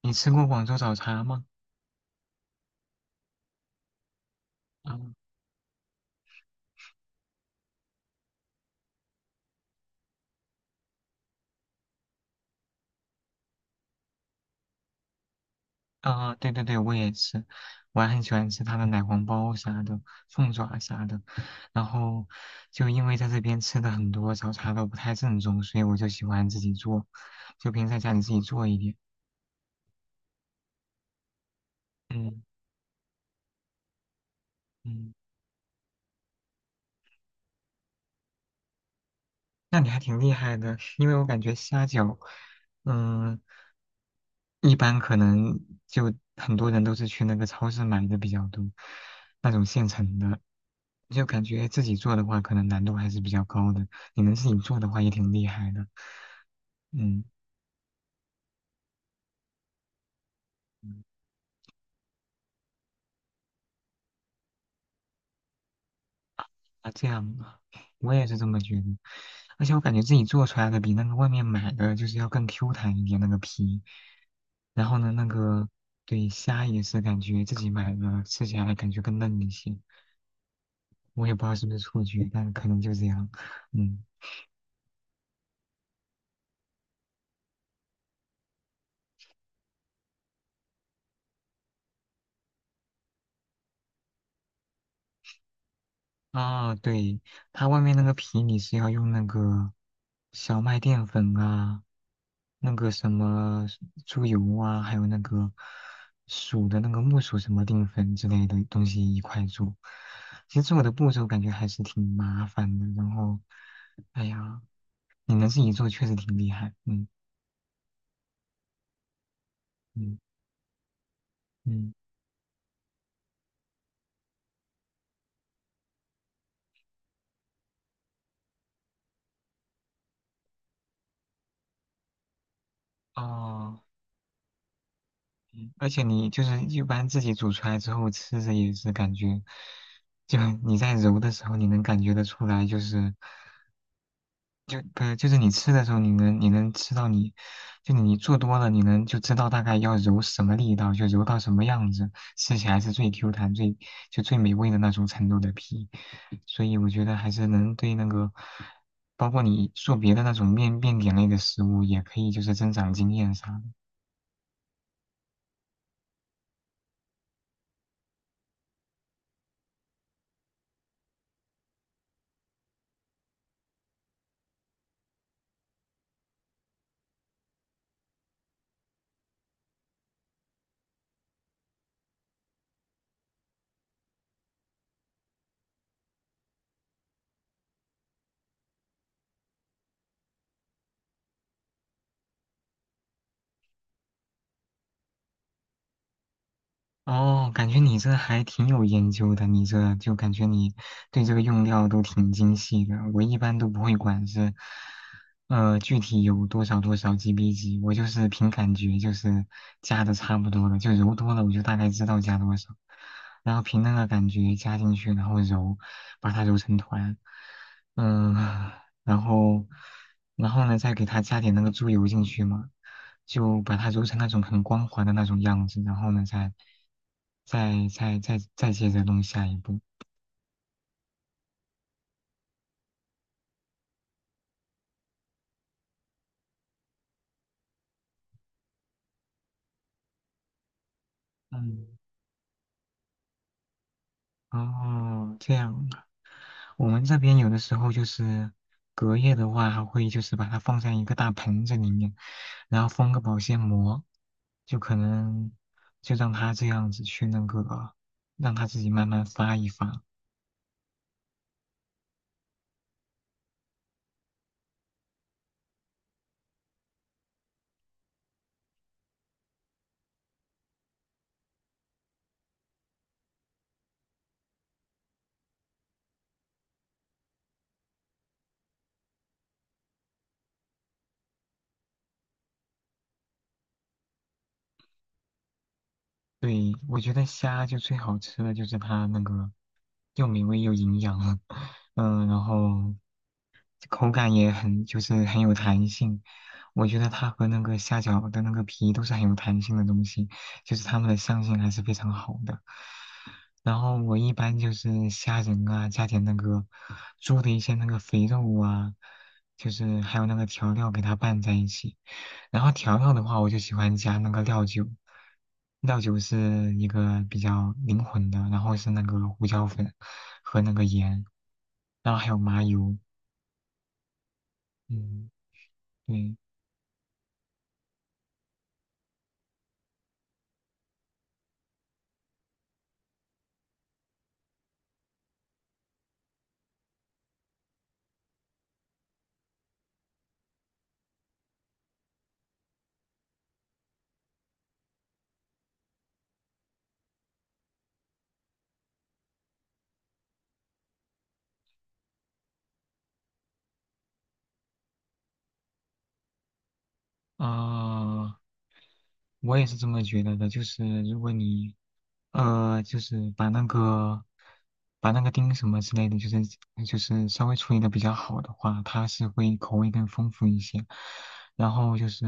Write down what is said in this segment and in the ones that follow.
你吃过广州早茶吗？啊对对对，我也吃，我还很喜欢吃它的奶黄包啥的，凤爪啥的。然后就因为在这边吃的很多早茶都不太正宗，所以我就喜欢自己做，就平时在家里自己做一点。嗯嗯。那你还挺厉害的，因为我感觉虾饺，嗯，一般可能就很多人都是去那个超市买的比较多，那种现成的，就感觉自己做的话，可能难度还是比较高的。你能自己做的话，也挺厉害的，嗯。啊，这样啊，我也是这么觉得。而且我感觉自己做出来的比那个外面买的就是要更 Q 弹一点那个皮。然后呢，那个对虾也是感觉自己买的，吃起来感觉更嫩一些。我也不知道是不是错觉，但可能就这样。嗯啊，对，它外面那个皮你是要用那个小麦淀粉啊，那个什么猪油啊，还有那个薯的那个木薯什么淀粉之类的东西一块做。其实做的步骤感觉还是挺麻烦的，然后，哎呀，你能自己做确实挺厉害，嗯嗯嗯，哦。而且你就是一般自己煮出来之后吃着也是感觉，就你在揉的时候你能感觉得出来，就是就不是就是你吃的时候你能吃到你，就你做多了你能就知道大概要揉什么力道，就揉到什么样子，吃起来是最 Q 弹最就最美味的那种程度的皮，所以我觉得还是能对那个。包括你做别的那种面面点类的食物，也可以就是增长经验啥的。哦，感觉你这还挺有研究的，你这就感觉你对这个用料都挺精细的。我一般都不会管是，具体有多少多少 GB 级，我就是凭感觉，就是加的差不多了，就揉多了，我就大概知道加多少，然后凭那个感觉加进去，然后揉，把它揉成团。嗯，然后，然后呢，再给它加点那个猪油进去嘛，就把它揉成那种很光滑的那种样子，然后呢，再，再接着弄下一步。嗯，哦，这样，我们这边有的时候就是隔夜的话，还会就是把它放在一个大盆子里面，然后封个保鲜膜，就可能就让它这样子去那个，让它自己慢慢发一发。对，我觉得虾就最好吃的就是它那个又美味又营养，嗯，然后口感也很就是很有弹性。我觉得它和那个虾饺的那个皮都是很有弹性的东西，就是它们的相性还是非常好的。然后我一般就是虾仁啊，加点那个猪的一些那个肥肉啊，就是还有那个调料给它拌在一起。然后调料的话，我就喜欢加那个料酒，料酒是一个比较灵魂的，然后是那个胡椒粉和那个盐，然后还有麻油，嗯。对啊，我也是这么觉得的。就是如果你就是把那个把那个丁什么之类的，就是就是稍微处理的比较好的话，它是会口味更丰富一些。然后就是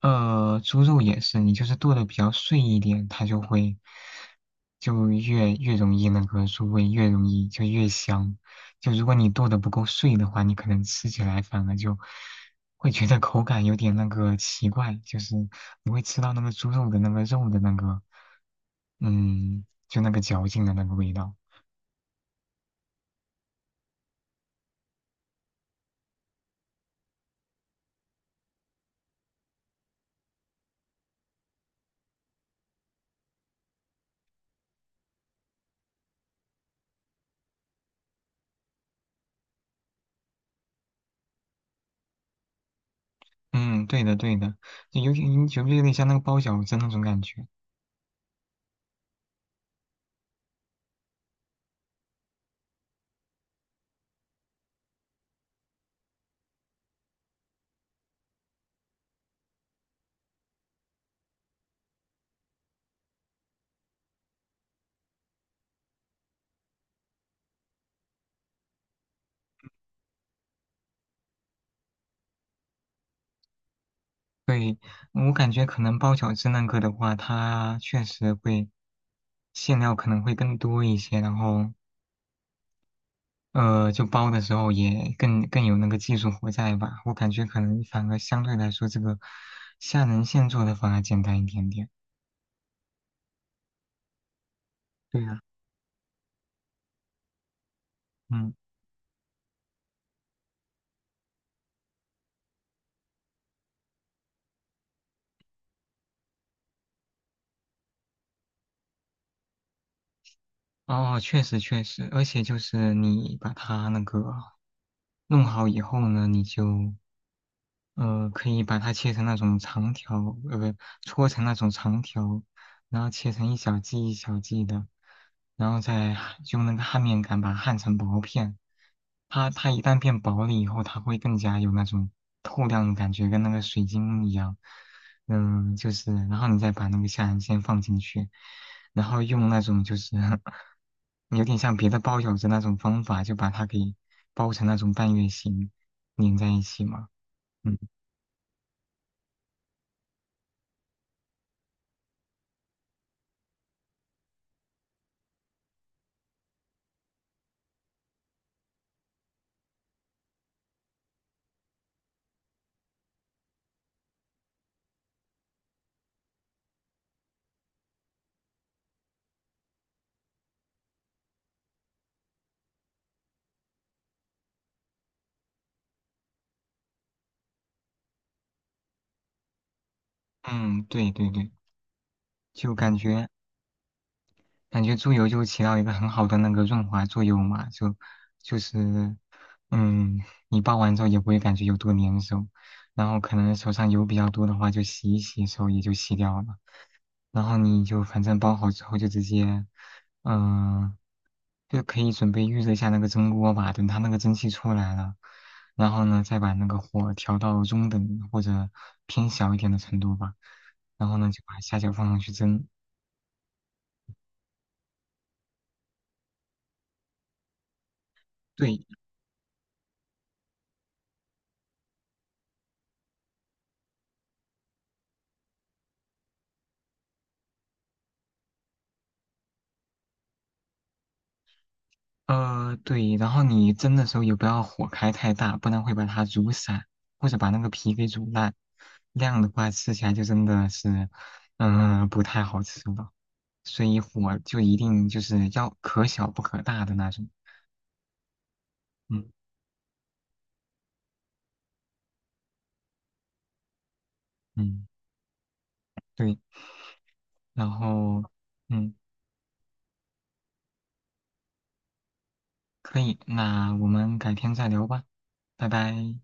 猪肉也是，你就是剁的比较碎一点，它就会就越越容易那个入味，越容易就越香。就如果你剁的不够碎的话，你可能吃起来反而就会觉得口感有点那个奇怪，就是你会吃到那个猪肉的那个肉的那个，嗯，就那个嚼劲的那个味道。嗯，对的对的，就有点像那个包饺子那种感觉。对，我感觉可能包饺子那个的话，它确实会馅料可能会更多一些，然后就包的时候也更更有那个技术活在吧。我感觉可能反而相对来说，这个虾仁馅做的反而简单一点点。对呀，嗯。哦，确实确实，而且就是你把它那个弄好以后呢，你就可以把它切成那种长条，呃不，搓成那种长条，然后切成一小剂一小剂的，然后再焊用那个焊面杆把它焊成薄片。它一旦变薄了以后，它会更加有那种透亮的感觉，跟那个水晶一样。嗯，就是，然后你再把那个下眼线放进去。然后用那种就是 有点像别的包饺子那种方法，就把它给包成那种半月形，粘在一起嘛。嗯嗯，对对对，就感觉猪油就起到一个很好的那个润滑作用嘛，就就是嗯，你包完之后也不会感觉有多粘手，然后可能手上油比较多的话，就洗一洗手也就洗掉了。然后你就反正包好之后就直接，嗯、就可以准备预热一下那个蒸锅吧，等它那个蒸汽出来了，然后呢再把那个火调到中等或者偏小一点的程度吧，然后呢就把虾饺放上去蒸。对，对，然后你蒸的时候也不要火开太大，不然会把它煮散，或者把那个皮给煮烂。那样的话吃起来就真的是，嗯、不太好吃了。所以火就一定就是要可小不可大的那种。嗯嗯，对。然后嗯，可以，那我们改天再聊吧，拜拜。